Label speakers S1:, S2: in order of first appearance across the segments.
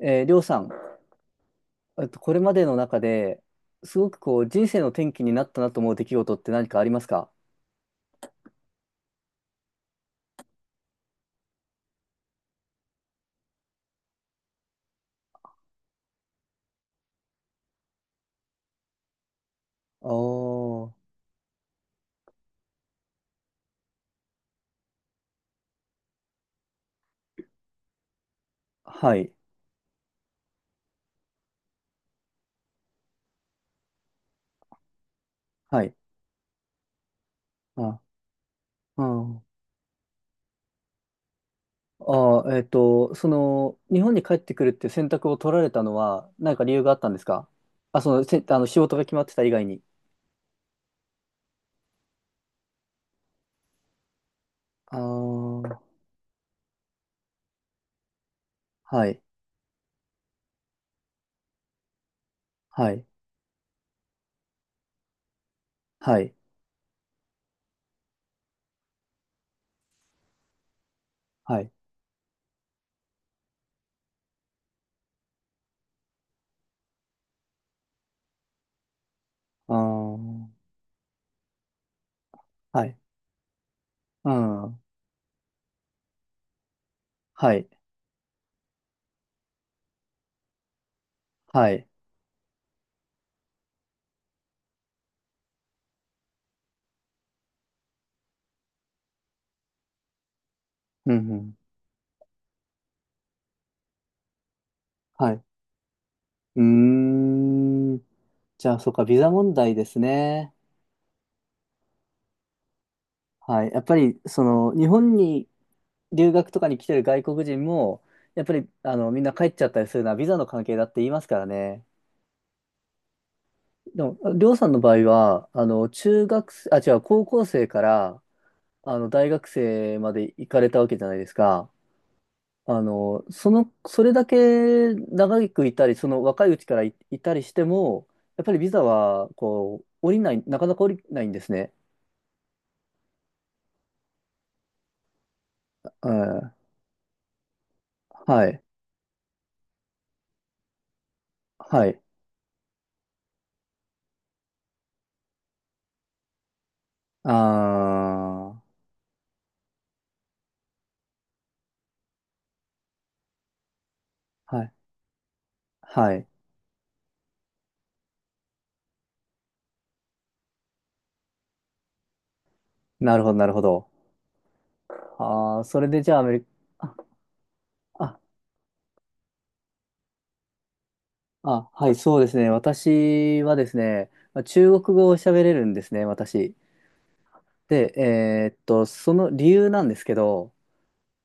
S1: りょうさん、これまでの中で、すごくこう、人生の転機になったなと思う出来事って何かありますか？おー、はい、はい。あ、うん。あー、その、日本に帰ってくるっていう選択を取られたのは、何か理由があったんですか？あ、その、あの、仕事が決まってた以外に。あー、はい、はい、はい、はい。あー、はい、うん、はい、はい、うん、うん、はい。うーん。じゃあ、そうか、ビザ問題ですね。はい。やっぱり、その、日本に留学とかに来てる外国人も、やっぱり、あの、みんな帰っちゃったりするのはビザの関係だって言いますからね。でも、りょうさんの場合は、あの、中学生、あ、違う、高校生から、あの、大学生まで行かれたわけじゃないですか。あの、その、それだけ長くいたり、その若いうちからいたりしても、やっぱりビザは、こう、降りない、なかなか降りないんですね。うん。はい。はい。ああ、はい、はい。なるほど、なるほど。ああ、それでじゃあアメリカ、あ、あ、はい、そうですね。私はですね、まあ中国語を喋れるんですね、私。で、その理由なんですけど、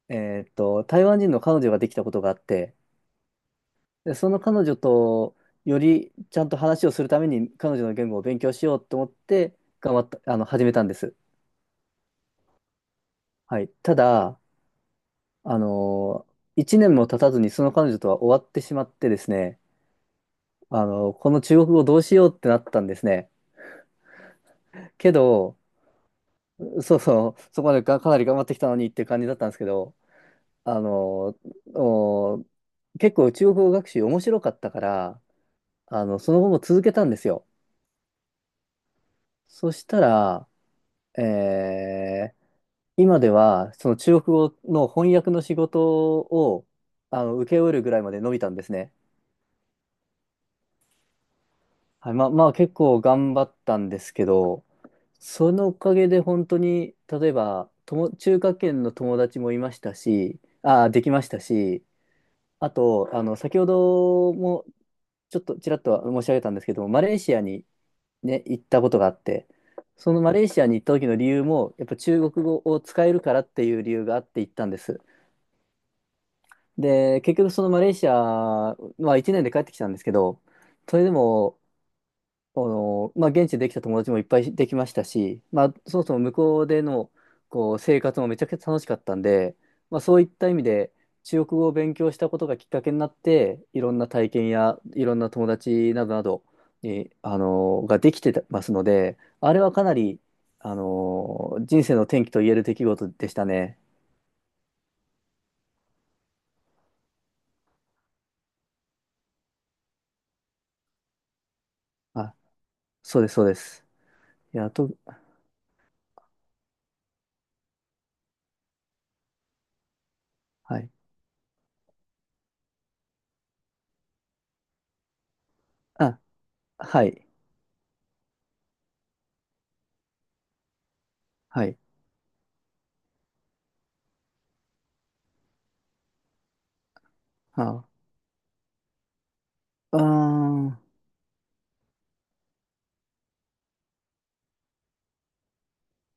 S1: 台湾人の彼女ができたことがあって、で、その彼女とよりちゃんと話をするために彼女の言語を勉強しようと思って、頑張った、始めたんです。はい。ただ、あの、一年も経たずにその彼女とは終わってしまってですね、あの、この中国語どうしようってなったんですね。けど、そうそう、そこまでか、かなり頑張ってきたのにって感じだったんですけど、あの、お結構中国語学習面白かったから、あの、その後も続けたんですよ。そしたら、えー今ではその中国語の翻訳の仕事をあの請け負えるぐらいまで伸びたんですね。はい、まあ、まあ結構頑張ったんですけど、そのおかげで本当に、例えば、中華圏の友達もいましたし、できましたし、あと、あの、先ほどもちょっとちらっと申し上げたんですけども、マレーシアにね、行ったことがあって、そのマレーシアに行った時の理由も、やっぱ中国語を使えるからっていう理由があって行ったんです。で、結局そのマレーシアは1年で帰ってきたんですけど、それでもあの、まあ、現地でできた友達もいっぱいできましたし、まあ、そもそも向こうでのこう生活もめちゃくちゃ楽しかったんで、まあ、そういった意味で中国語を勉強したことがきっかけになっていろんな体験やいろんな友達などなどに、あのができてますのであれはかなり、あの人生の転機と言える出来事でしたね。あ、そうです、そうです。いや、はい。あ、はい、はい。あ、あー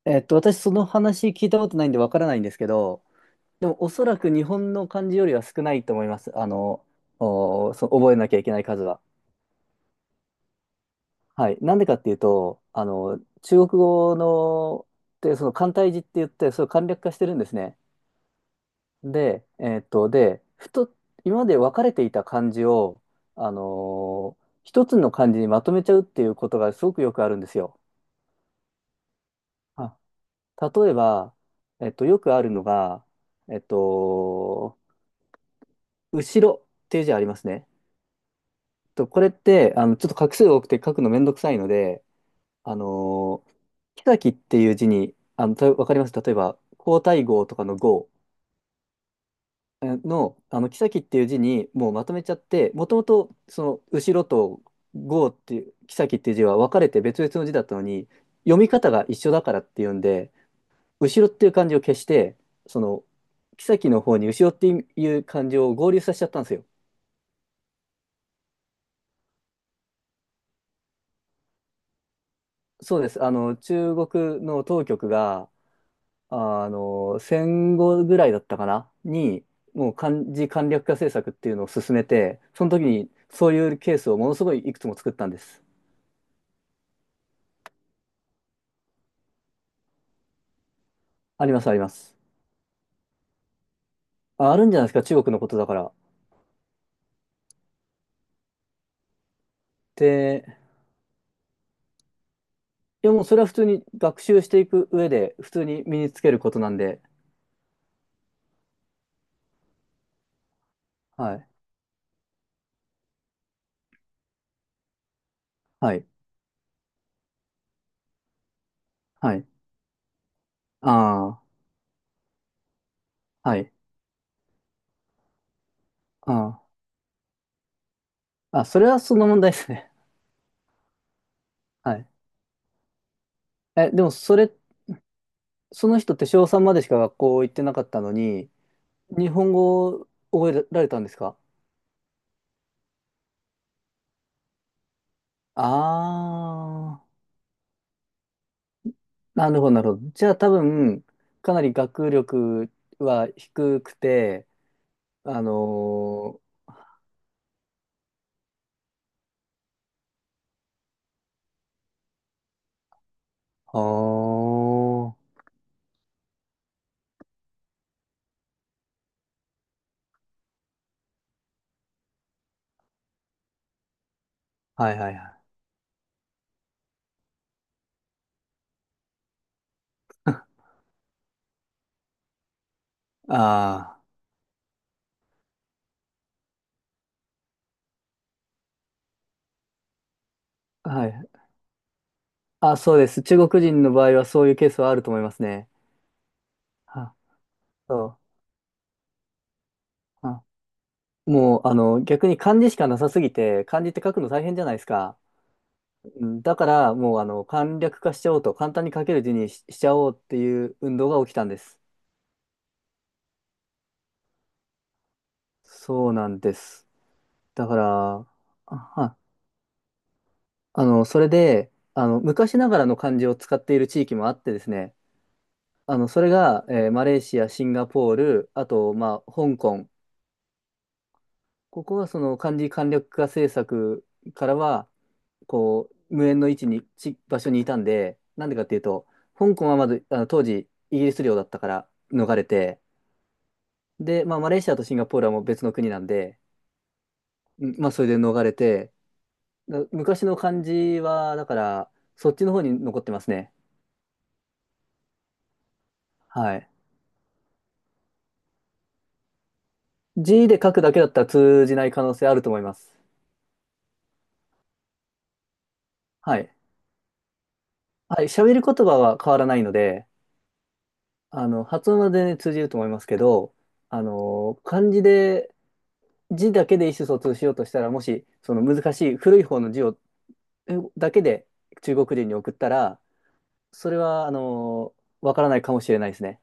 S1: 私その話聞いたことないんでわからないんですけど、でもおそらく日本の漢字よりは少ないと思います。あの、覚えなきゃいけない数は。はい。なんでかっていうと、あの、中国語の、で、その簡体字って言って、それを簡略化してるんですね。で、えっと、で、ふと、今まで分かれていた漢字を、あの、一つの漢字にまとめちゃうっていうことがすごくよくあるんですよ。あ、例えば、よくあるのが、えっと、後ろっていう字ありますね。と、これって、あの、ちょっと画数多くて書くのめんどくさいので、あのー、木崎っていう字に、あの、わかります例えば、皇太后とかの号の、あの、木崎っていう字にもうまとめちゃって、もともと、その、後ろと号っていう、木崎っていう字は分かれて別々の字だったのに、読み方が一緒だからっていうんで、後ろっていう漢字を消して、その、木崎の方に後ろっていう漢字を合流させちゃったんですよ。そうです。あの、中国の当局が、あの、戦後ぐらいだったかなに、もう漢字簡略化政策っていうのを進めて、その時にそういうケースをものすごいいくつも作ったんです。あります、あります。あ、あるんじゃないですか、中国のことだから。で、いやもうそれは普通に学習していく上で、普通に身につけることなんで、はい、はい、はい、ああ、はい、ああ、あ、それはその問題ですね。はい。え、でもその人って小3までしか学校行ってなかったのに、日本語を覚えられたんですか？あー、なるほど、なるほど。じゃあ多分、かなり学力は低くて、あのー、あー、はいはいはい。ああ、はい。あ、そうです。中国人の場合はそういうケースはあると思いますね。あ、そう。あ、もう、あの、逆に漢字しかなさすぎて、漢字って書くの大変じゃないですか。うんだからもうあの簡略化しちゃおうと簡単に書ける字にしちゃおうっていう運動が起きたんです。そうなんです。だから、あ、はあの、それで、あの、昔ながらの漢字を使っている地域もあってですね、あの、それが、マレーシア、シンガポール、あと、まあ、香港。ここはその漢字簡略化政策からは、こう、無縁の位置に、ち、場所にいたんで、なんでかっていうと、香港はまず、あの、当時、イギリス領だったから逃れて、で、まあ、マレーシアとシンガポールはもう別の国なんで、うんまあ、それで逃れて、昔の漢字は、だから、そっちの方に残ってますね。はい。字で書くだけだったら通じない可能性あると思います。はい。はい。喋る言葉は変わらないので、あの、発音は全然通じると思いますけど、あの、漢字で、字だけで意思疎通しようとしたら、もし、その難しい古い方の字を、だけで中国人に送ったら、それは、あの、わからないかもしれないですね。